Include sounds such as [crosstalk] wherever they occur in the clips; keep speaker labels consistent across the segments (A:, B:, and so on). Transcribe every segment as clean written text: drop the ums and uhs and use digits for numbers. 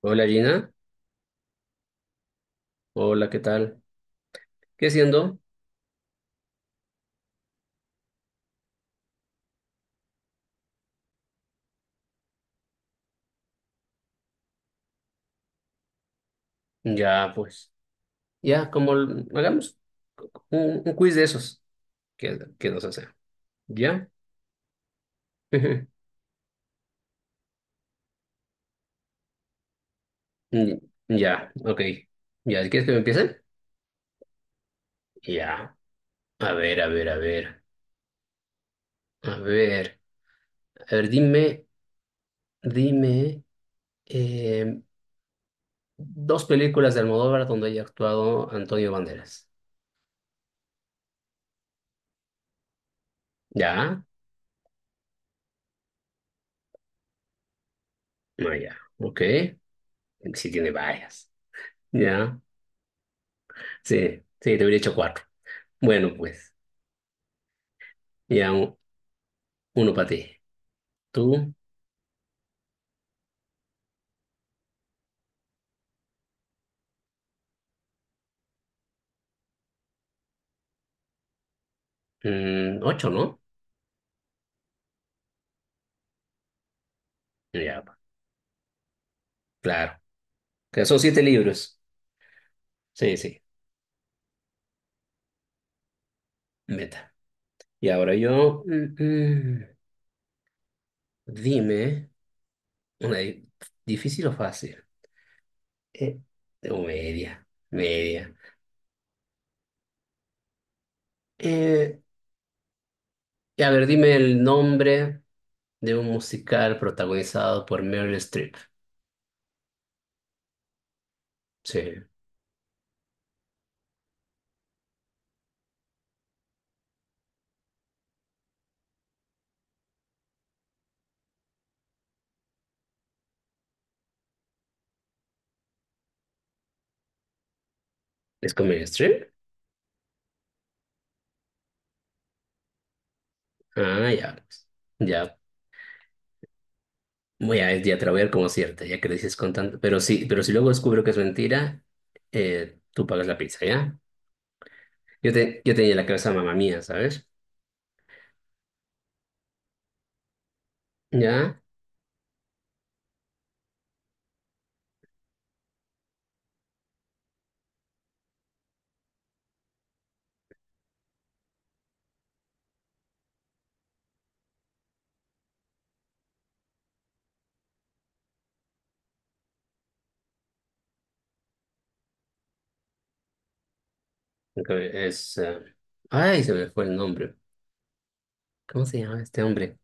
A: Hola Gina, hola, ¿qué tal? ¿Qué siendo? Ya, pues, ya, como hagamos un quiz de esos que nos hacen. ¿Ya? [laughs] Ujú. Mm, Ya, ok. ¿Ya quieres que me empiece? Ya. A ver, a ver, a ver. A ver, a ver, dime, dime eh, dos películas de Almodóvar donde haya actuado Antonio Banderas. ¿Ya? No, ya. Ok. Sí tiene varias. ¿Ya? Sí, sí, te hubiera hecho cuatro. Bueno, pues. Ya, uno para ti. Tú, ocho, ¿no? Ya, claro. Que son siete libros. Sí, sí, meta. Y ahora yo, dime, una difícil o fácil. Eh, o media, media. Eh, y a ver, dime el nombre de un musical protagonizado por Meryl Streep. Sí, ¿es con Meryl Streep? Ah, ya, pues. Ya, te la voy a dar como cierta, ya que lo dices con tanto. Pero sí, pero si luego descubro que es mentira, tú pagas la pizza, ¿ya? Yo tenía en la cabeza mamá mía, ¿sabes? ¿Ya? Aunque Es. Ay, se me fue el nombre. ¿Cómo se llama este hombre?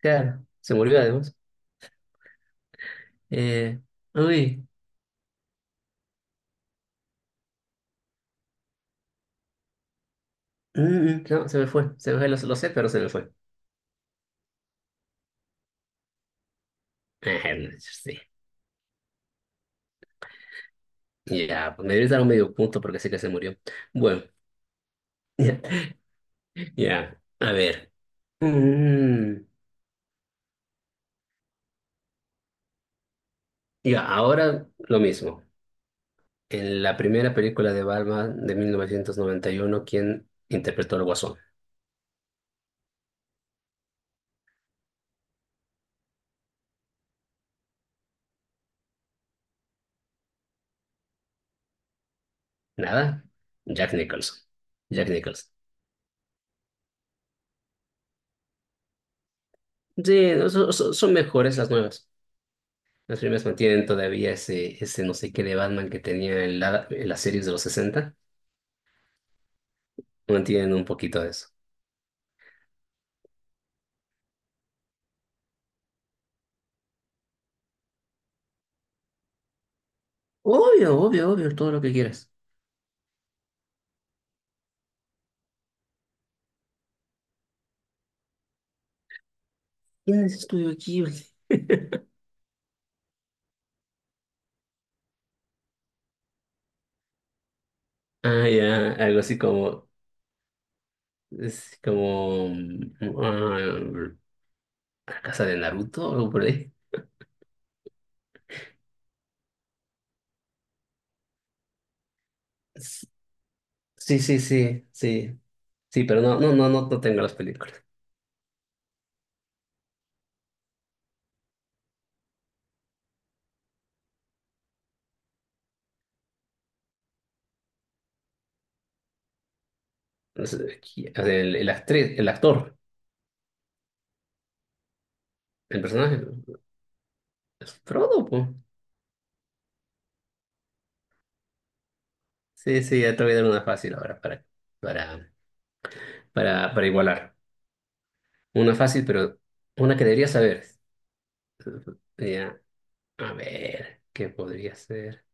A: Claro, se murió además. Eh, uy, mm, no, se me fue. Se me fue, lo sé, pero se me fue. Sí. Ya, pues me debes dar un medio punto porque sé que se murió. Bueno, [laughs] ya, a ver. Mm, ya, ahora lo mismo. En la primera película de Batman de 1991, ¿quién interpretó al Guasón? Nada, Jack Nicholson. Jack Nicholson. Sí, no, son mejores las nuevas. Las primeras mantienen todavía ese, ese no sé qué de Batman que tenía en las series de los 60. Mantienen un poquito de eso. Obvio, obvio, obvio, todo lo que quieras. ¿Quién es Estudio Ghibli? Ah, ya, algo así como, es como, ah, la casa de Naruto o algo por ahí. S- Sí, sí, sí, sí. Sí, pero no, no, no, no, no tengo las películas. O sea, el actriz, el actor, el personaje, es Frodo, po. Sí, sí, ya te voy a dar una fácil ahora para, para, igualar. Una fácil, pero una que deberías saber. Ya, a ver, ¿qué podría ser?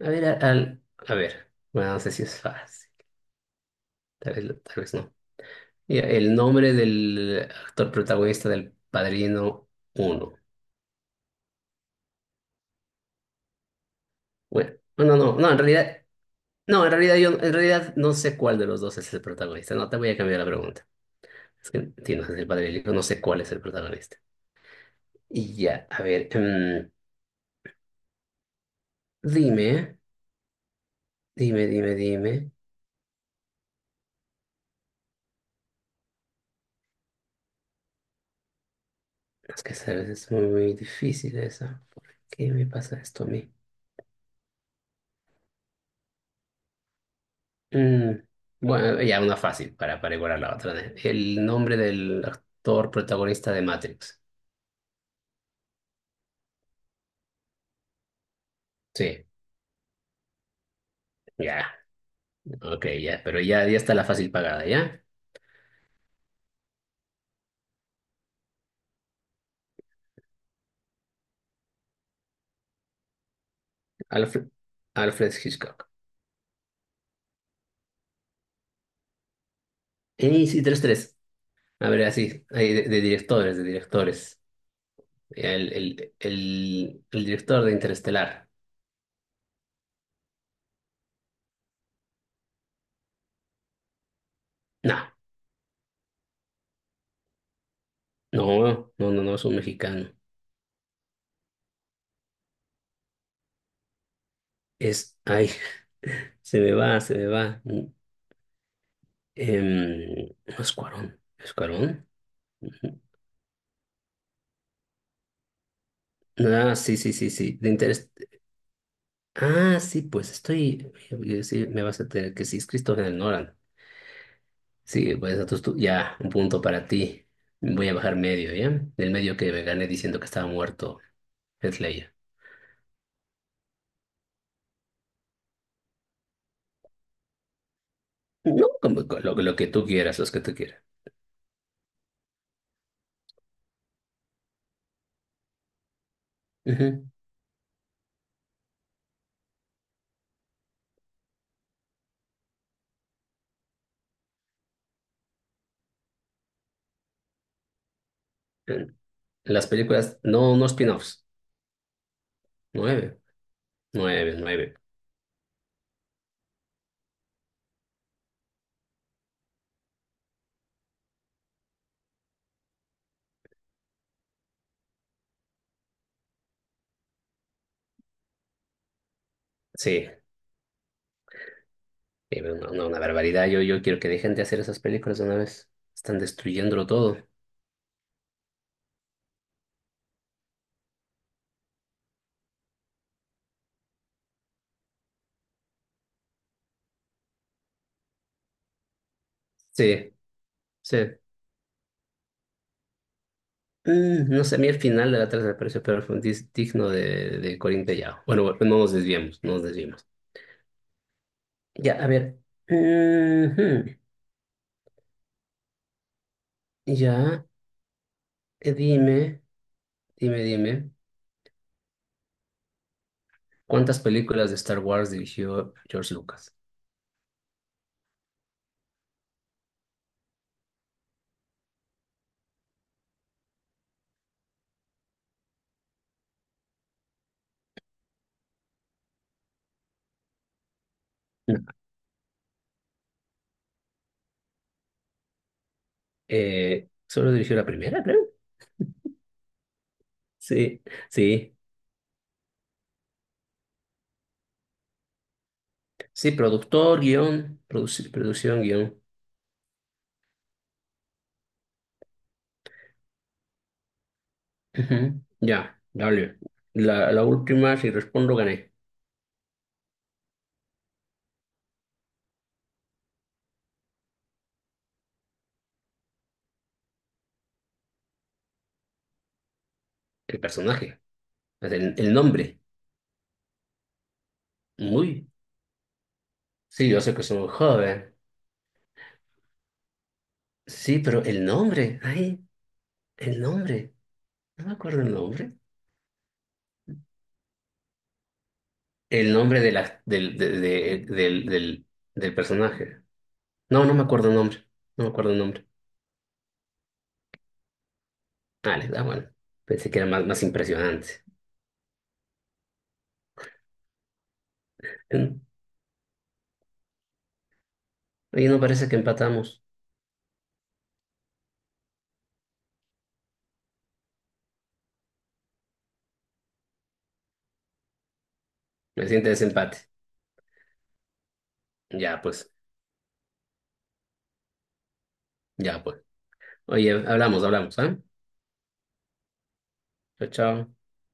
A: A ver, a ver, bueno, no sé si es fácil, tal vez no. Ya, el nombre del actor protagonista del Padrino Uno. Bueno, no, no, no, no, en realidad no, en realidad yo en realidad no sé cuál de los dos es el protagonista. No, te voy a cambiar la pregunta. Es que tienes el padre y el hijo, no sé cuál es el protagonista. Y ya, a ver, dime, dime. Es que sabes, es muy difícil esa. ¿Por qué me pasa esto a mí? Mm, bueno, ya una fácil para, igualar la otra, ¿eh? El nombre del actor protagonista de Matrix. Sí, ya, ok, ya, pero ya, ya está la fácil pagada, ¿ya? Alfred, Alfred Hitchcock. Y sí, 3-3. A ver, así, ahí de directores, de directores. El director de Interestelar. No, no, no, no, no es un mexicano. Ay, [laughs] se me va, se me va. No es Cuarón, ¿es Cuarón? Ujú. Ah, sí, sí, sí, sí. Ah, sí, pues estoy. Sí, me vas a tener que sí, es Christopher Nolan. Sí, pues entonces tú, ya, un punto para ti. Voy a bajar medio, ¿ya? Del medio que me gané diciendo que estaba muerto Heath Ledger. No, como lo que tú quieras, los que tú quieras. Ujú. Eh, Las películas, no spin-offs. Nueve, nueve, nueve. Sí, sí, pero no, no, una barbaridad. Yo quiero que dejen de hacer esas películas de una vez. Están destruyéndolo todo. Sí, sí. No sé, a mí el final de la tercera me pareció pero fue digno de Corín Tellado. Bueno, bueno, no nos desviemos, no nos desviemos. Ya, a ver. Ujú. Ya, eh, dime, dime. ¿Cuántas películas de Star Wars dirigió George Lucas? No, solo dirigió la primera, creo. Sí, sí. Sí, productor, guión, producción, guión. Ujú. Ya, dale. La última, si respondo, gané. El personaje, el nombre. Muy. Sí, yo sé que soy joven. Sí, pero el nombre, ay, el nombre. No me acuerdo el nombre. El nombre de la, del, de- del, del, del personaje. No, no me acuerdo el nombre. No me acuerdo el nombre. Vale, bueno. Pensé que era más, más impresionante. Oye, no parece que empatamos. Me siente desempate. Ya, pues, ya, pues. Oye, hablamos, hablamos, ¿ah? Chao, chao.